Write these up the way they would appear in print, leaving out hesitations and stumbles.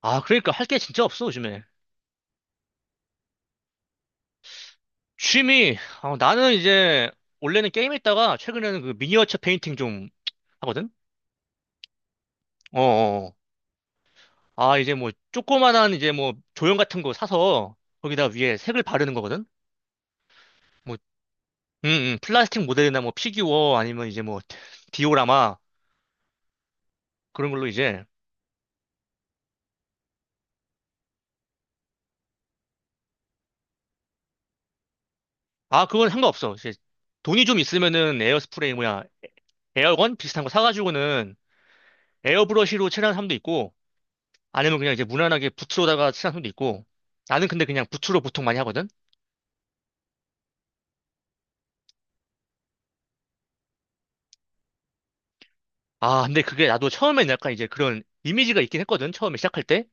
아, 그러니까 할 게 진짜 없어, 요즘에. 취미, 아, 나는 이제, 원래는 게임 했다가, 최근에는 그 미니어처 페인팅 좀 하거든? 어어. 아, 이제 뭐, 조그만한 이제 뭐, 조형 같은 거 사서, 거기다 위에 색을 바르는 거거든? 뭐, 플라스틱 모델이나 뭐, 피규어, 아니면 이제 뭐, 디오라마, 그런 걸로 이제. 아, 그건 상관없어. 이제, 돈이 좀 있으면은 에어스프레이, 뭐야, 에어건? 비슷한 거 사가지고는 에어브러쉬로 칠하는 사람도 있고, 아니면 그냥 이제 무난하게 부츠로다가 친한 손도 있고. 나는 근데 그냥 부츠로 보통 많이 하거든. 아 근데 그게 나도 처음엔 약간 이제 그런 이미지가 있긴 했거든. 처음에 시작할 때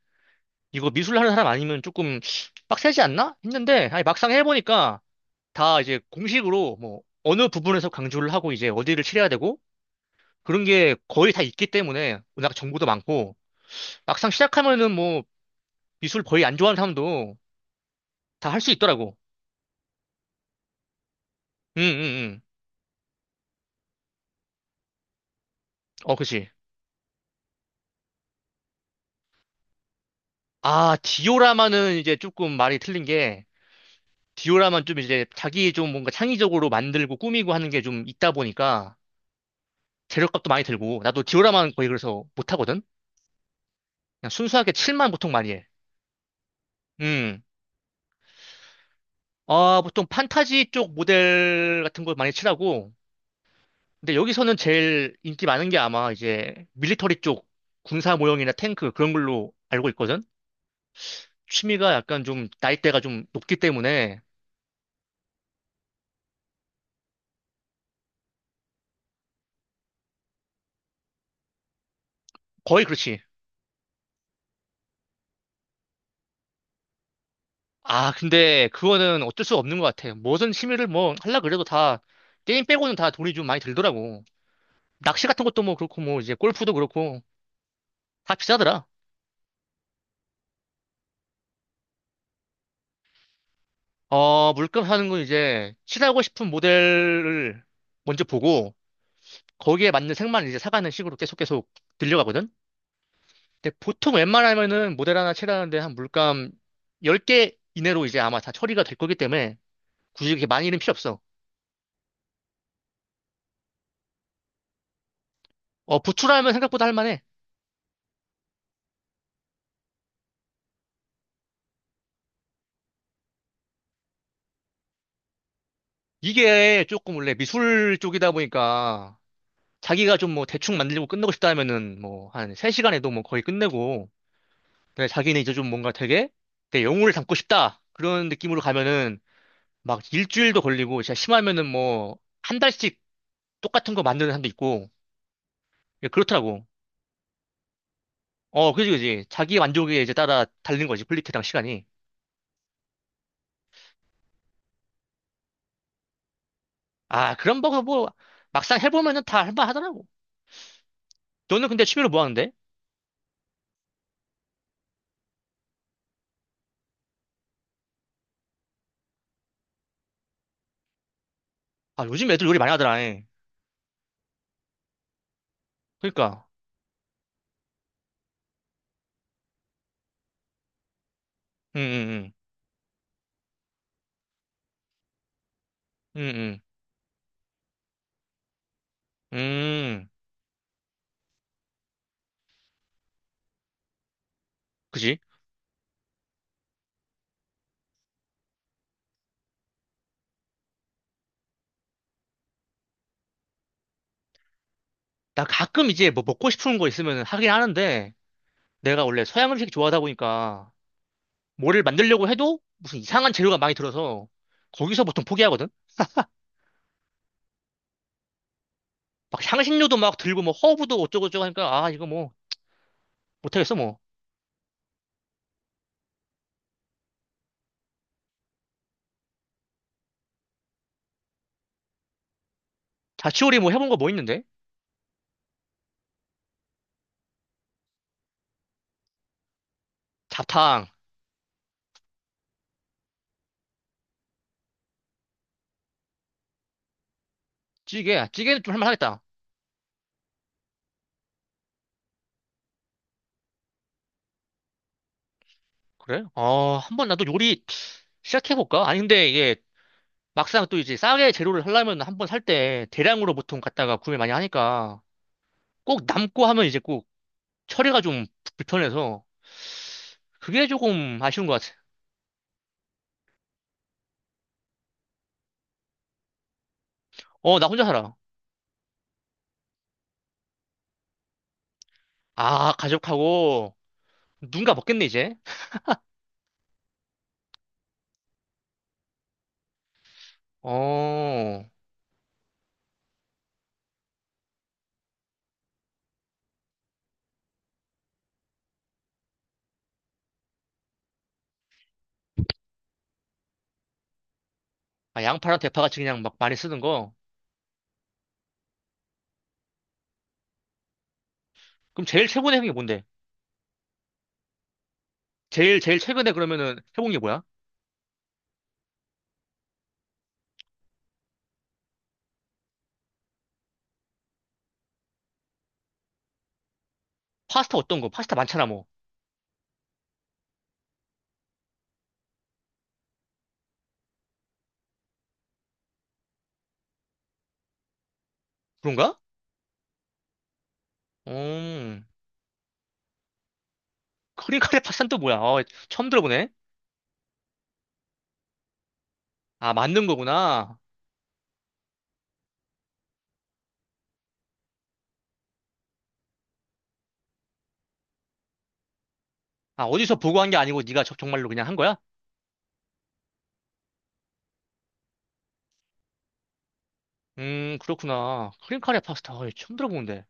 이거 미술 하는 사람 아니면 조금 빡세지 않나 했는데, 아니 막상 해보니까 다 이제 공식으로 뭐 어느 부분에서 강조를 하고 이제 어디를 칠해야 되고 그런 게 거의 다 있기 때문에, 워낙 정보도 많고 막상 시작하면은 뭐 미술 거의 안 좋아하는 사람도 다 할 수 있더라고. 응응응. 어 그치. 아 디오라마는 이제 조금 말이 틀린 게, 디오라만 좀 이제 자기 좀 뭔가 창의적으로 만들고 꾸미고 하는 게 좀 있다 보니까 재료값도 많이 들고, 나도 디오라만 거의 그래서 못 하거든. 그냥 순수하게 칠만 보통 많이 해. 음. 아, 보통 판타지 쪽 모델 같은 걸 많이 칠하고, 근데 여기서는 제일 인기 많은 게 아마 이제 밀리터리 쪽 군사 모형이나 탱크 그런 걸로 알고 있거든. 취미가 약간 좀 나이대가 좀 높기 때문에. 거의 그렇지. 아, 근데 그거는 어쩔 수 없는 것 같아. 무슨 취미를 뭐 하려 그래도 다 게임 빼고는 다 돈이 좀 많이 들더라고. 낚시 같은 것도 뭐 그렇고 뭐 이제 골프도 그렇고 다 비싸더라. 어, 물감 사는 건 이제 칠하고 싶은 모델을 먼저 보고 거기에 맞는 색만 이제 사가는 식으로 계속 계속 들려가거든. 근데 보통 웬만하면은 모델 하나 칠하는데 한 물감 10개 이내로 이제 아마 다 처리가 될 거기 때문에 굳이 이렇게 많이는 필요 없어. 어, 부추라면 생각보다 할만해. 이게 조금 원래 미술 쪽이다 보니까 자기가 좀 뭐 대충 만들고 끝내고 싶다 하면은 뭐 한 3시간에도 뭐 거의 끝내고, 근데 자기는 이제 좀 뭔가 되게 내 영혼을 담고 싶다 그런 느낌으로 가면은 막 일주일도 걸리고 진짜 심하면은 뭐 한 달씩 똑같은 거 만드는 사람도 있고. 예, 그렇더라고. 어 그지 그지, 자기 만족에 이제 따라 다른 거지, 퀄리티랑 시간이. 아 그런 거뭐 막상 해보면은 다 할만하더라고. 너는 근데 취미로 뭐 하는데? 아 요즘 애들 요리 많이 하더라 예. 그러니까. 응응응. 응응. 음, 그지? 나 가끔 이제 뭐 먹고 싶은 거 있으면 하긴 하는데, 내가 원래 서양 음식 좋아하다 보니까, 뭐를 만들려고 해도 무슨 이상한 재료가 많이 들어서, 거기서 보통 포기하거든? 막 향신료도 막 들고 뭐 허브도 어쩌고저쩌고 하니까, 아, 이거 뭐, 못하겠어 뭐. 자취요리 뭐 해본 거 뭐 있는데? 잡탕, 찌개, 아, 찌개는 좀 할만하겠다. 그래? 어, 한번 나도 요리 시작해볼까? 아니, 근데 이게 막상 또 이제 싸게 재료를 하려면 한번 살 때 대량으로 보통 갖다가 구매 많이 하니까, 꼭 남고 하면 이제 꼭 처리가 좀 불편해서 그게 조금 아쉬운 것 같아. 어, 나 혼자 살아. 아, 가족하고 누군가 먹겠네, 이제. 어, 아, 양파랑 대파같이 그냥 막 많이 쓰는 거. 그럼 제일 최근에 해본 게 뭔데? 제일, 제일 최근에 그러면은 해본 게 뭐야? 파스타 어떤 거? 파스타 많잖아, 뭐. 그런가? 음, 크림 카레 파스타는 또 뭐야? 어, 처음 들어보네. 아, 만든 거구나. 아, 어디서 보고 한 게 아니고 네가 정말로 그냥 한 거야? 그렇구나. 크림 카레 파스타. 어, 처음 들어보는데.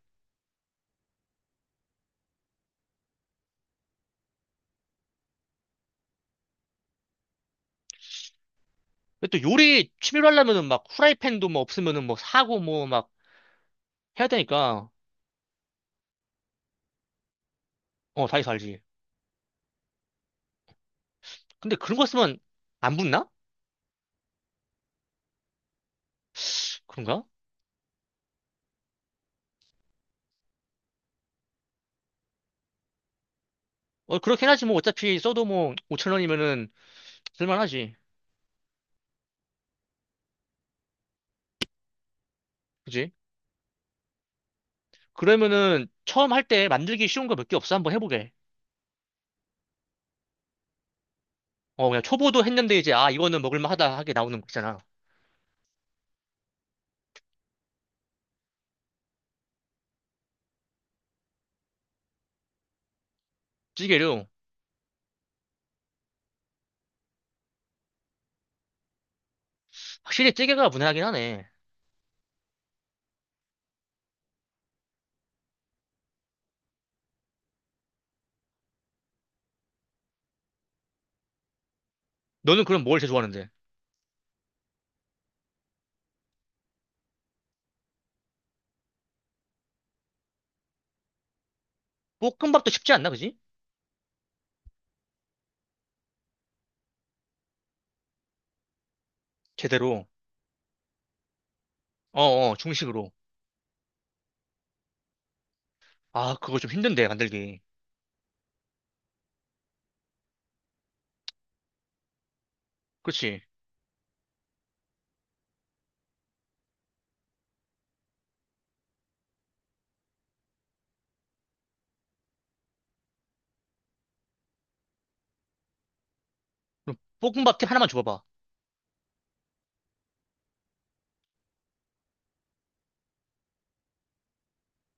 근데 또 요리 취미로 하려면은 막 후라이팬도 뭐 없으면은 뭐 사고 뭐 막 해야 되니까. 어 다시 살지. 근데 그런 거 쓰면 안 붙나? 그런가? 어 그렇긴 하지 뭐 어차피 써도 뭐 5천 원이면은 쓸만하지. 그지? 그러면은 처음 할때 만들기 쉬운 거 몇개 없어? 한번 해보게. 어 그냥 초보도 했는데 이제 아 이거는 먹을만하다 하게 나오는 거 있잖아. 찌개류. 확실히 찌개가 무난하긴 하네. 너는 그럼 뭘 제일 좋아하는데? 볶음밥도 쉽지 않나 그지? 제대로. 어어 중식으로. 아 그거 좀 힘든데 만들기. 그렇지. 그럼 볶음밥팁 하나만 줘봐봐.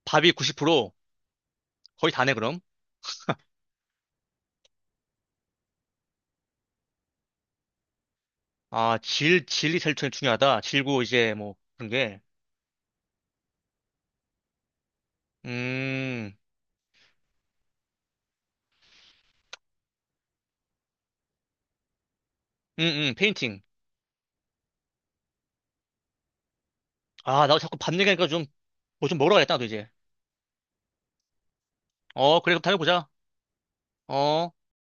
밥이 90%. 거의 다네, 그럼. 아, 질이 제일 중요하다. 질고 이제 뭐 그런 게. 음, 음, 페인팅. 아, 나도 자꾸 밥 얘기하니까 좀, 뭐 좀 먹으러 가야겠다, 나도 이제. 어, 그래, 그럼 다음에 보자. 어.